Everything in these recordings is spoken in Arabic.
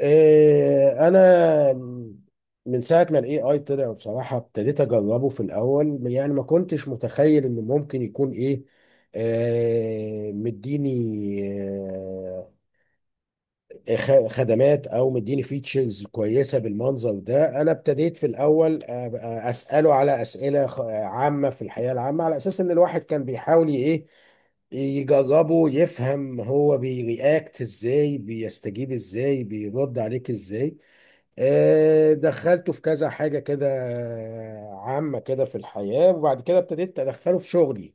انا من ساعه ما الاي اي طلع بصراحه ابتديت اجربه في الاول. يعني ما كنتش متخيل انه ممكن يكون ايه آه مديني آه خدمات او مديني فيتشرز كويسه بالمنظر ده. انا ابتديت في الاول أبقى اساله على اسئله عامه في الحياه العامه، على اساس ان الواحد كان بيحاول يجربه، يفهم هو بيرياكت ازاي، بيستجيب ازاي، بيرد عليك ازاي. دخلته في كذا حاجة كده، عامة كده في الحياة، وبعد كده ابتديت أدخله في شغلي.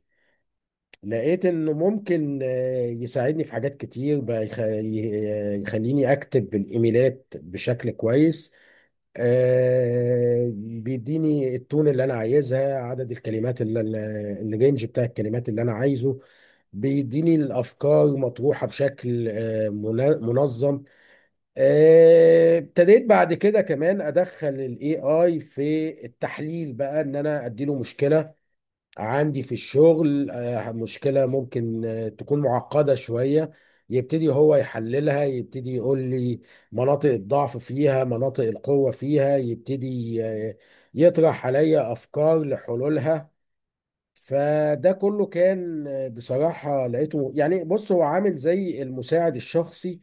لقيت إنه ممكن يساعدني في حاجات كتير بقى، يخليني أكتب الإيميلات بشكل كويس. بيديني التون اللي أنا عايزها، عدد الكلمات الرينج بتاع الكلمات اللي أنا عايزه. بيديني الأفكار مطروحة بشكل منظم. ابتديت بعد كده كمان ادخل الاي اي في التحليل بقى، ان انا اديله مشكله عندي في الشغل، مشكله ممكن تكون معقده شويه. يبتدي هو يحللها، يبتدي يقول لي مناطق الضعف فيها، مناطق القوه فيها، يبتدي يطرح عليا افكار لحلولها. فده كله كان بصراحه لقيته يعني، بص هو عامل زي المساعد الشخصي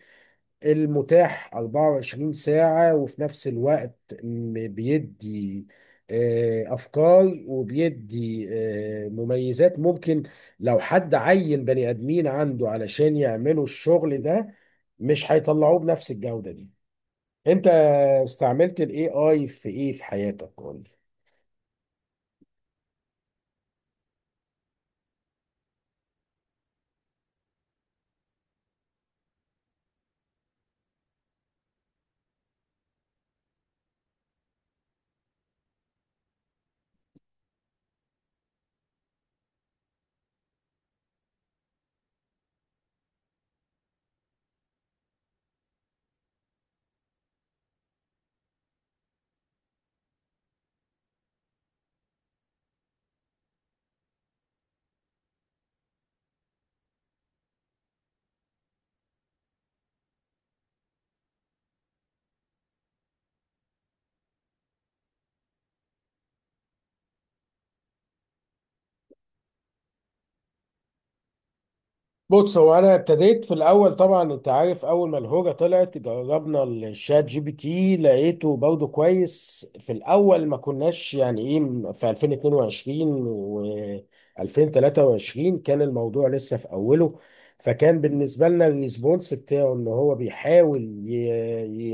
المتاح 24 ساعة، وفي نفس الوقت بيدي أفكار، وبيدي مميزات. ممكن لو حد عين بني آدمين عنده علشان يعملوا الشغل ده، مش هيطلعوه بنفس الجودة دي. أنت استعملت ال AI في إيه في حياتك؟ بص هو انا ابتديت في الاول، طبعا انت عارف، اول ما الهوجه طلعت جربنا الشات جي بي تي، لقيته برضه كويس في الاول. ما كناش يعني ايه في 2022 و 2023 كان الموضوع لسه في اوله. فكان بالنسبه لنا الريسبونس بتاعه ان هو بيحاول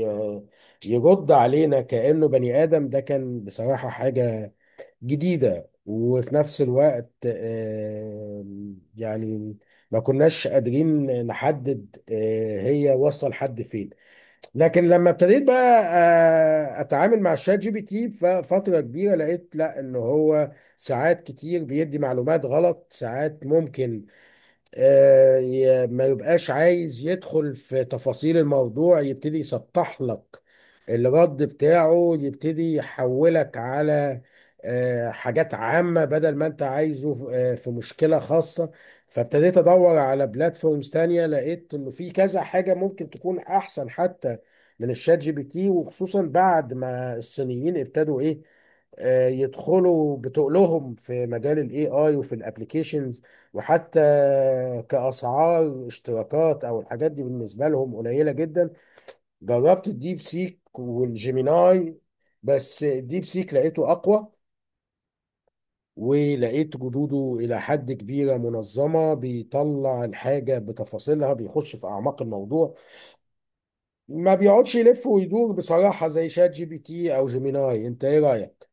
ي... يرد علينا كانه بني ادم. ده كان بصراحه حاجه جديدة، وفي نفس الوقت يعني ما كناش قادرين نحدد هي واصلة لحد فين. لكن لما ابتديت بقى اتعامل مع الشات جي بي تي فترة كبيرة، لقيت لا، ان هو ساعات كتير بيدي معلومات غلط، ساعات ممكن ما يبقاش عايز يدخل في تفاصيل الموضوع، يبتدي يسطح لك الرد بتاعه، يبتدي يحولك على حاجات عامة بدل ما انت عايزه في مشكلة خاصة. فابتديت ادور على بلاتفورمز تانية، لقيت انه في كذا حاجة ممكن تكون احسن حتى من الشات جي بي تي، وخصوصا بعد ما الصينيين ابتدوا ايه آه، يدخلوا بتقلهم في مجال الاي اي وفي الابليكيشنز، وحتى كاسعار اشتراكات او الحاجات دي بالنسبه لهم قليله جدا. جربت الديب سيك والجيميناي، بس الديب سيك لقيته اقوى، ولقيت جدوده الى حد كبيره منظمه، بيطلع الحاجه بتفاصيلها، بيخش في اعماق الموضوع، ما بيقعدش يلف ويدور بصراحه زي شات جي بي تي او جيميناي. انت ايه رايك؟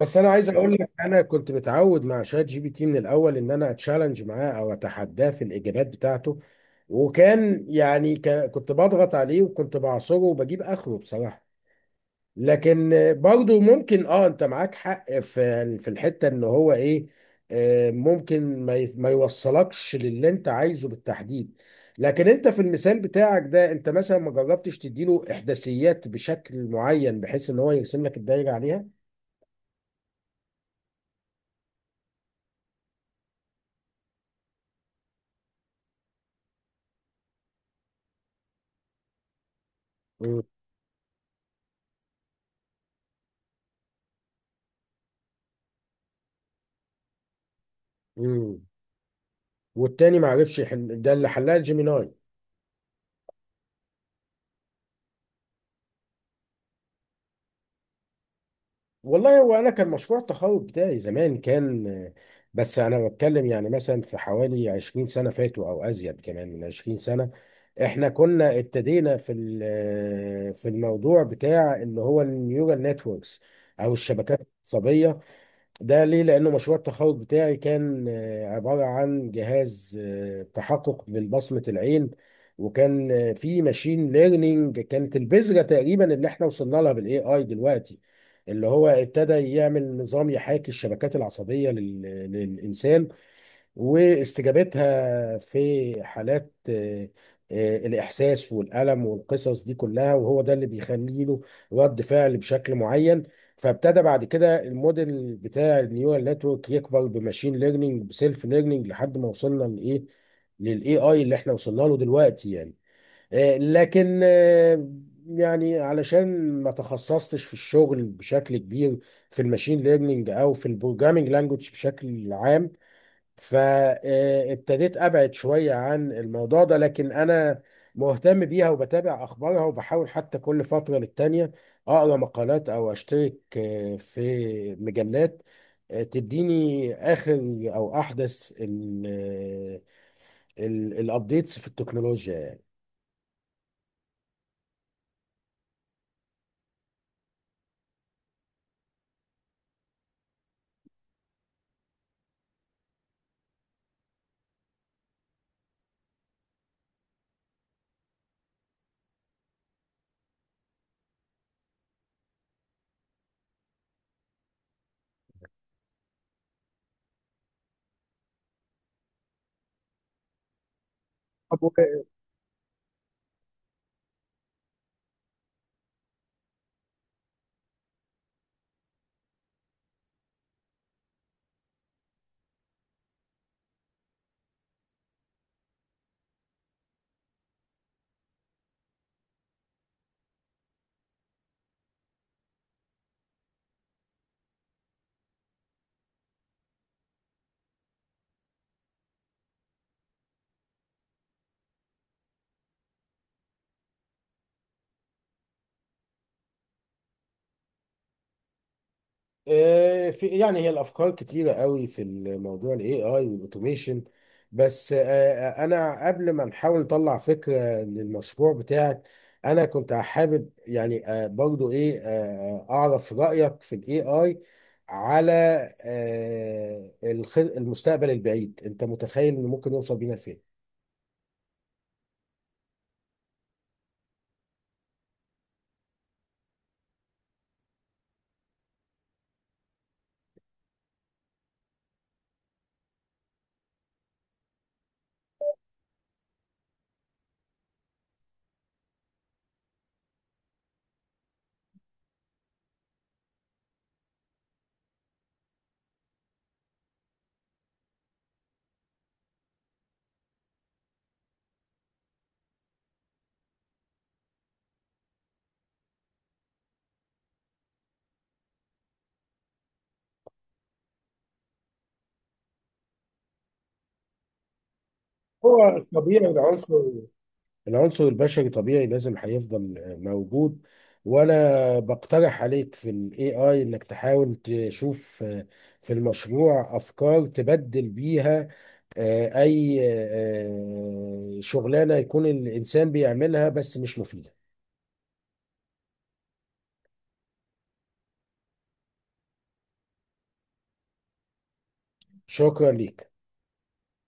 بس انا عايز اقول لك، انا كنت متعود مع شات جي بي تي من الاول ان انا اتشالنج معاه او اتحداه في الاجابات بتاعته، وكان يعني كنت بضغط عليه وكنت بعصره وبجيب اخره بصراحه. لكن برضو ممكن اه، انت معاك حق في الحته ان هو ايه آه، ممكن ما يوصلكش للي انت عايزه بالتحديد. لكن انت في المثال بتاعك ده، انت مثلا ما جربتش تديله احداثيات بشكل معين بحيث ان هو يرسم لك الدايره عليها؟ مم. والتاني ما عرفش يحل، ده اللي حلها جيميناي. والله هو انا كان مشروع التخرج بتاعي زمان كان، بس انا بتكلم يعني مثلا في حوالي 20 سنه فاتوا او ازيد كمان من 20 سنه. احنا كنا ابتدينا في في الموضوع بتاع اللي هو النيورال نتوركس او الشبكات العصبيه. ده ليه؟ لأنه مشروع التخرج بتاعي كان عبارة عن جهاز تحقق من بصمة العين، وكان في ماشين ليرنينج. كانت البذرة تقريبا اللي احنا وصلنا لها بالاي اي دلوقتي، اللي هو ابتدى يعمل نظام يحاكي الشبكات العصبية للإنسان واستجابتها في حالات الإحساس والألم والقصص دي كلها. وهو ده اللي بيخلي له رد فعل بشكل معين. فابتدى بعد كده الموديل بتاع النيورال نتورك يكبر بماشين ليرنينج بسيلف ليرنينج لحد ما وصلنا للاي اي اللي احنا وصلنا له دلوقتي يعني. لكن يعني علشان ما تخصصتش في الشغل بشكل كبير في الماشين ليرنينج او في البروجرامينج لانجوج بشكل عام، فابتديت ابعد شويه عن الموضوع ده. لكن انا مهتم بيها، وبتابع اخبارها، وبحاول حتى كل فتره للتانيه اقرا مقالات او اشترك في مجلات تديني اخر او احدث الابديتس في التكنولوجيا يعني. في يعني هي الافكار كتيره قوي في الموضوع الاي اي والاوتوميشن. بس انا قبل ما نحاول نطلع فكره للمشروع بتاعك، انا كنت حابب يعني برضو ايه آه، آه، اعرف رايك في الاي اي على المستقبل البعيد. انت متخيل انه ممكن يوصل بينا فين؟ هو طبيعي العنصر البشري طبيعي لازم هيفضل موجود. وانا بقترح عليك في الاي اي انك تحاول تشوف في المشروع افكار تبدل بيها اي شغلانة يكون الانسان بيعملها بس مش مفيدة. شكرا ليك.